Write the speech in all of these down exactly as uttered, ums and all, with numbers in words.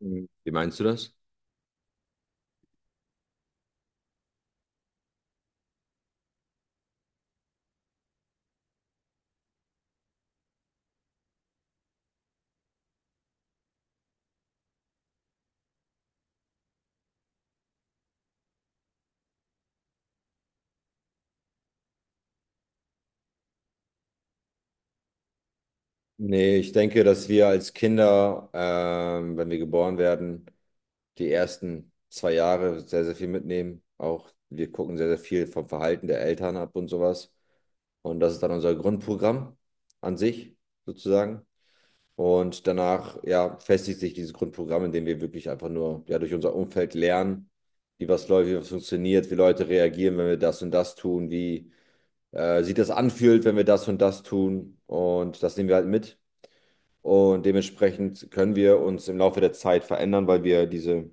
Mhm. Wie meinst du das? Nee, ich denke, dass wir als Kinder, ähm, wenn wir geboren werden, die ersten zwei Jahre sehr, sehr viel mitnehmen. Auch wir gucken sehr, sehr viel vom Verhalten der Eltern ab und sowas. Und das ist dann unser Grundprogramm an sich, sozusagen. Und danach, ja, festigt sich dieses Grundprogramm, indem wir wirklich einfach nur, ja, durch unser Umfeld lernen, wie was läuft, wie was funktioniert, wie Leute reagieren, wenn wir das und das tun, wie äh, sich das anfühlt, wenn wir das und das tun. Und das nehmen wir halt mit. Und dementsprechend können wir uns im Laufe der Zeit verändern, weil wir diese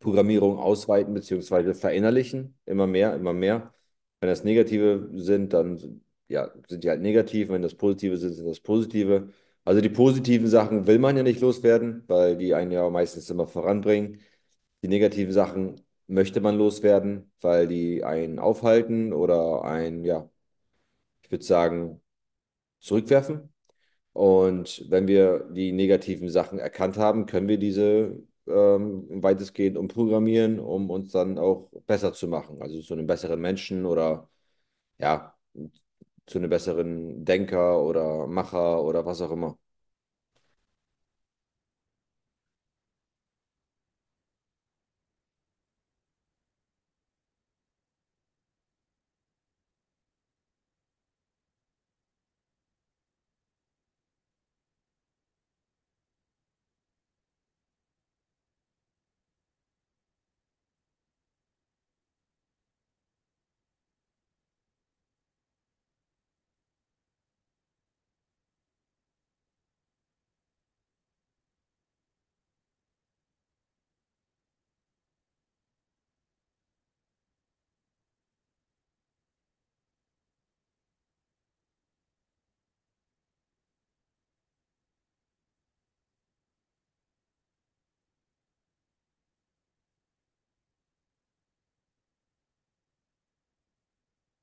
Programmierung ausweiten bzw. verinnerlichen. Immer mehr, immer mehr. Wenn das Negative sind, dann ja, sind die halt negativ. Wenn das Positive sind, sind das Positive. Also die positiven Sachen will man ja nicht loswerden, weil die einen ja meistens immer voranbringen. Die negativen Sachen möchte man loswerden, weil die einen aufhalten oder einen, ja, ich würde sagen, zurückwerfen. Und wenn wir die negativen Sachen erkannt haben, können wir diese ähm, weitestgehend umprogrammieren, um uns dann auch besser zu machen. Also zu einem besseren Menschen oder ja, zu einem besseren Denker oder Macher oder was auch immer.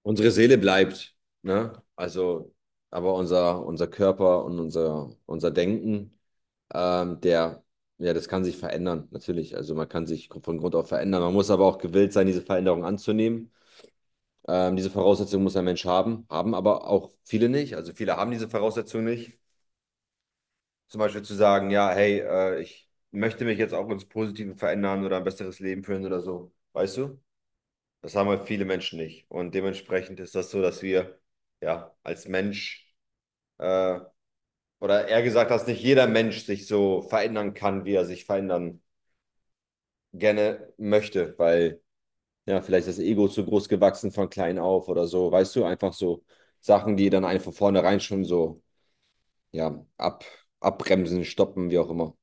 Unsere Seele bleibt, ne? Also, aber unser, unser Körper und unser, unser Denken, ähm, der, ja, das kann sich verändern, natürlich. Also man kann sich von Grund auf verändern. Man muss aber auch gewillt sein, diese Veränderung anzunehmen. Ähm, diese Voraussetzung muss ein Mensch haben, haben aber auch viele nicht. Also viele haben diese Voraussetzung nicht. Zum Beispiel zu sagen, ja, hey, äh, ich möchte mich jetzt auch ins Positive verändern oder ein besseres Leben führen oder so. Weißt du? Das haben halt viele Menschen nicht. Und dementsprechend ist das so, dass wir ja als Mensch äh, oder eher gesagt, dass nicht jeder Mensch sich so verändern kann, wie er sich verändern gerne möchte, weil ja, vielleicht das Ego zu groß gewachsen von klein auf oder so, weißt du, einfach so Sachen, die dann einfach vornherein schon so, ja, ab, abbremsen, stoppen, wie auch immer.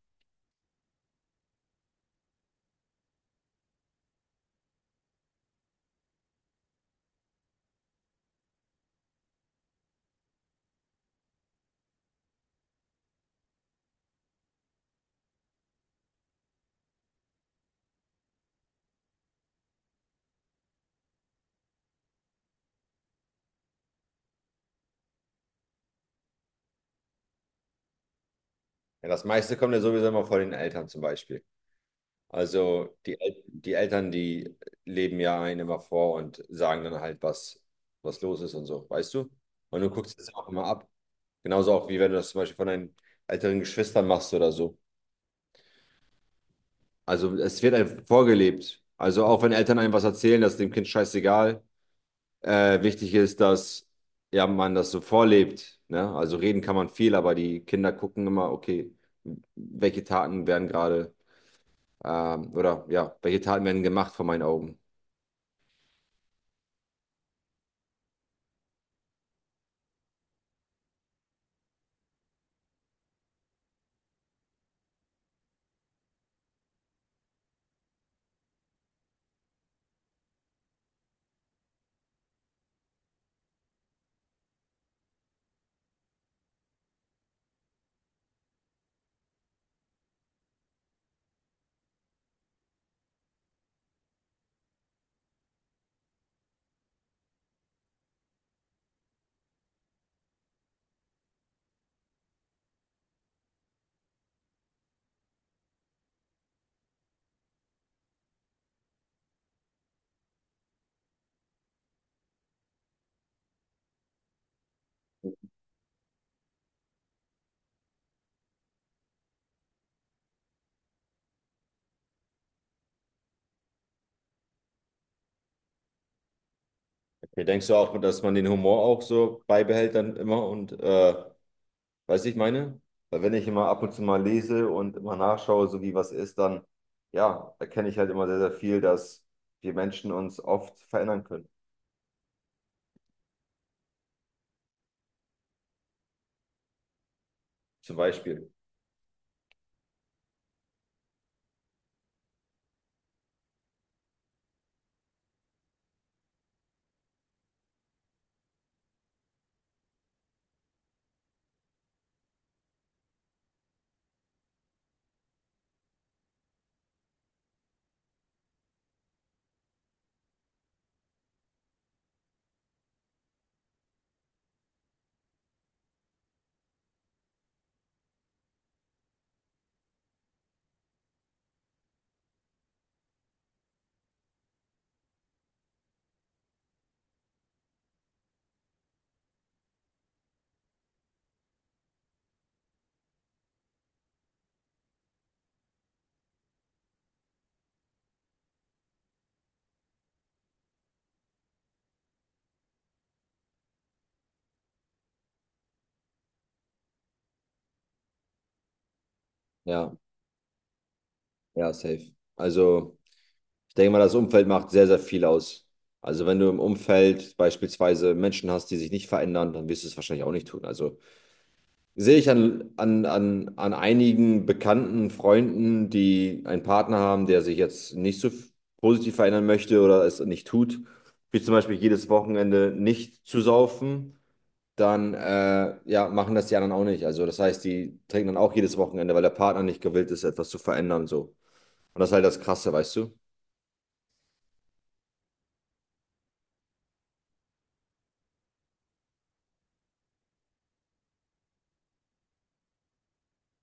Ja, das meiste kommt ja sowieso immer von den Eltern zum Beispiel. Also die, El die Eltern, die leben ja einen immer vor und sagen dann halt, was, was los ist und so, weißt du? Und du guckst es auch immer ab. Genauso auch, wie wenn du das zum Beispiel von deinen älteren Geschwistern machst oder so. Also es wird einem vorgelebt. Also auch wenn Eltern einem was erzählen, das ist dem Kind scheißegal. Äh, wichtig ist, dass ja, man das so vorlebt. Ne? Also reden kann man viel, aber die Kinder gucken immer, okay, welche Taten werden gerade ähm, oder ja, welche Taten werden gemacht vor meinen Augen. Okay, denkst du auch, dass man den Humor auch so beibehält dann immer und äh, weißt du, ich meine? Weil wenn ich immer ab und zu mal lese und immer nachschaue, so wie was ist, dann ja, erkenne ich halt immer sehr, sehr viel, dass wir Menschen uns oft verändern können. Zum Beispiel. Ja, ja, safe. Also. Ich denke mal, das Umfeld macht sehr, sehr viel aus. Also wenn du im Umfeld beispielsweise Menschen hast, die sich nicht verändern, dann wirst du es wahrscheinlich auch nicht tun. Also sehe ich an, an, an, an einigen bekannten Freunden, die einen Partner haben, der sich jetzt nicht so f- positiv verändern möchte oder es nicht tut, wie zum Beispiel jedes Wochenende nicht zu saufen, dann äh, ja, machen das die anderen auch nicht. Also das heißt, die trinken dann auch jedes Wochenende, weil der Partner nicht gewillt ist, etwas zu verändern so. Und das ist halt das Krasse, weißt du?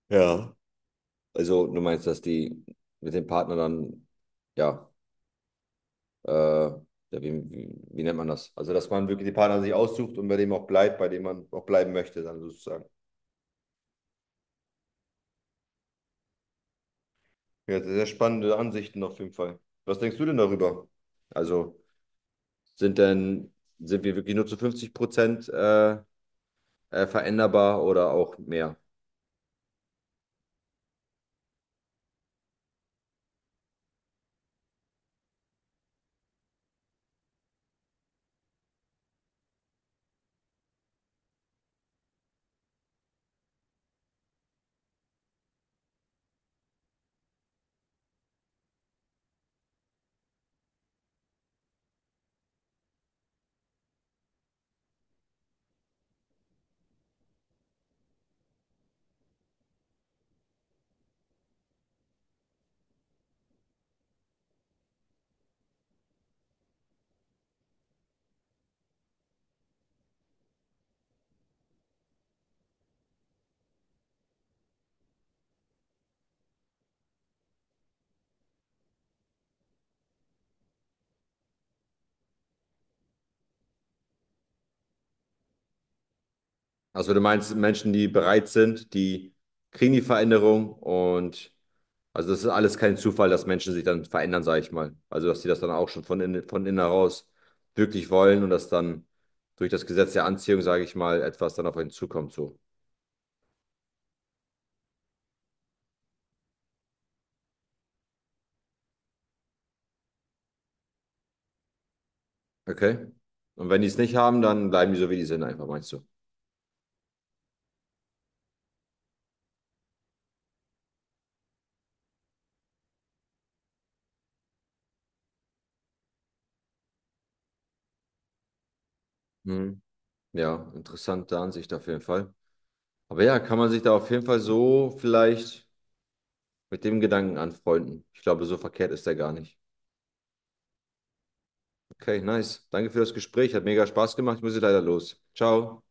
Ja. Also du meinst, dass die mit dem Partner dann, ja, äh, ja, wie, wie, wie nennt man das? Also dass man wirklich den Partner sich aussucht und bei dem auch bleibt, bei dem man auch bleiben möchte, dann sozusagen. Ja, sehr spannende Ansichten auf jeden Fall. Was denkst du denn darüber? Also sind denn, sind wir wirklich nur zu fünfzig Prozent äh, äh, veränderbar oder auch mehr? Also du meinst Menschen, die bereit sind, die kriegen die Veränderung und also das ist alles kein Zufall, dass Menschen sich dann verändern, sage ich mal. Also dass sie das dann auch schon von innen, von innen heraus wirklich wollen und dass dann durch das Gesetz der Anziehung, sage ich mal, etwas dann auf einen zukommt so. Okay. Und wenn die es nicht haben, dann bleiben die so, wie die sind, einfach, meinst du? Mhm. Ja, interessante Ansicht auf jeden Fall. Aber ja, kann man sich da auf jeden Fall so vielleicht mit dem Gedanken anfreunden. Ich glaube, so verkehrt ist der gar nicht. Okay, nice. Danke für das Gespräch. Hat mega Spaß gemacht. Ich muss jetzt leider los. Ciao.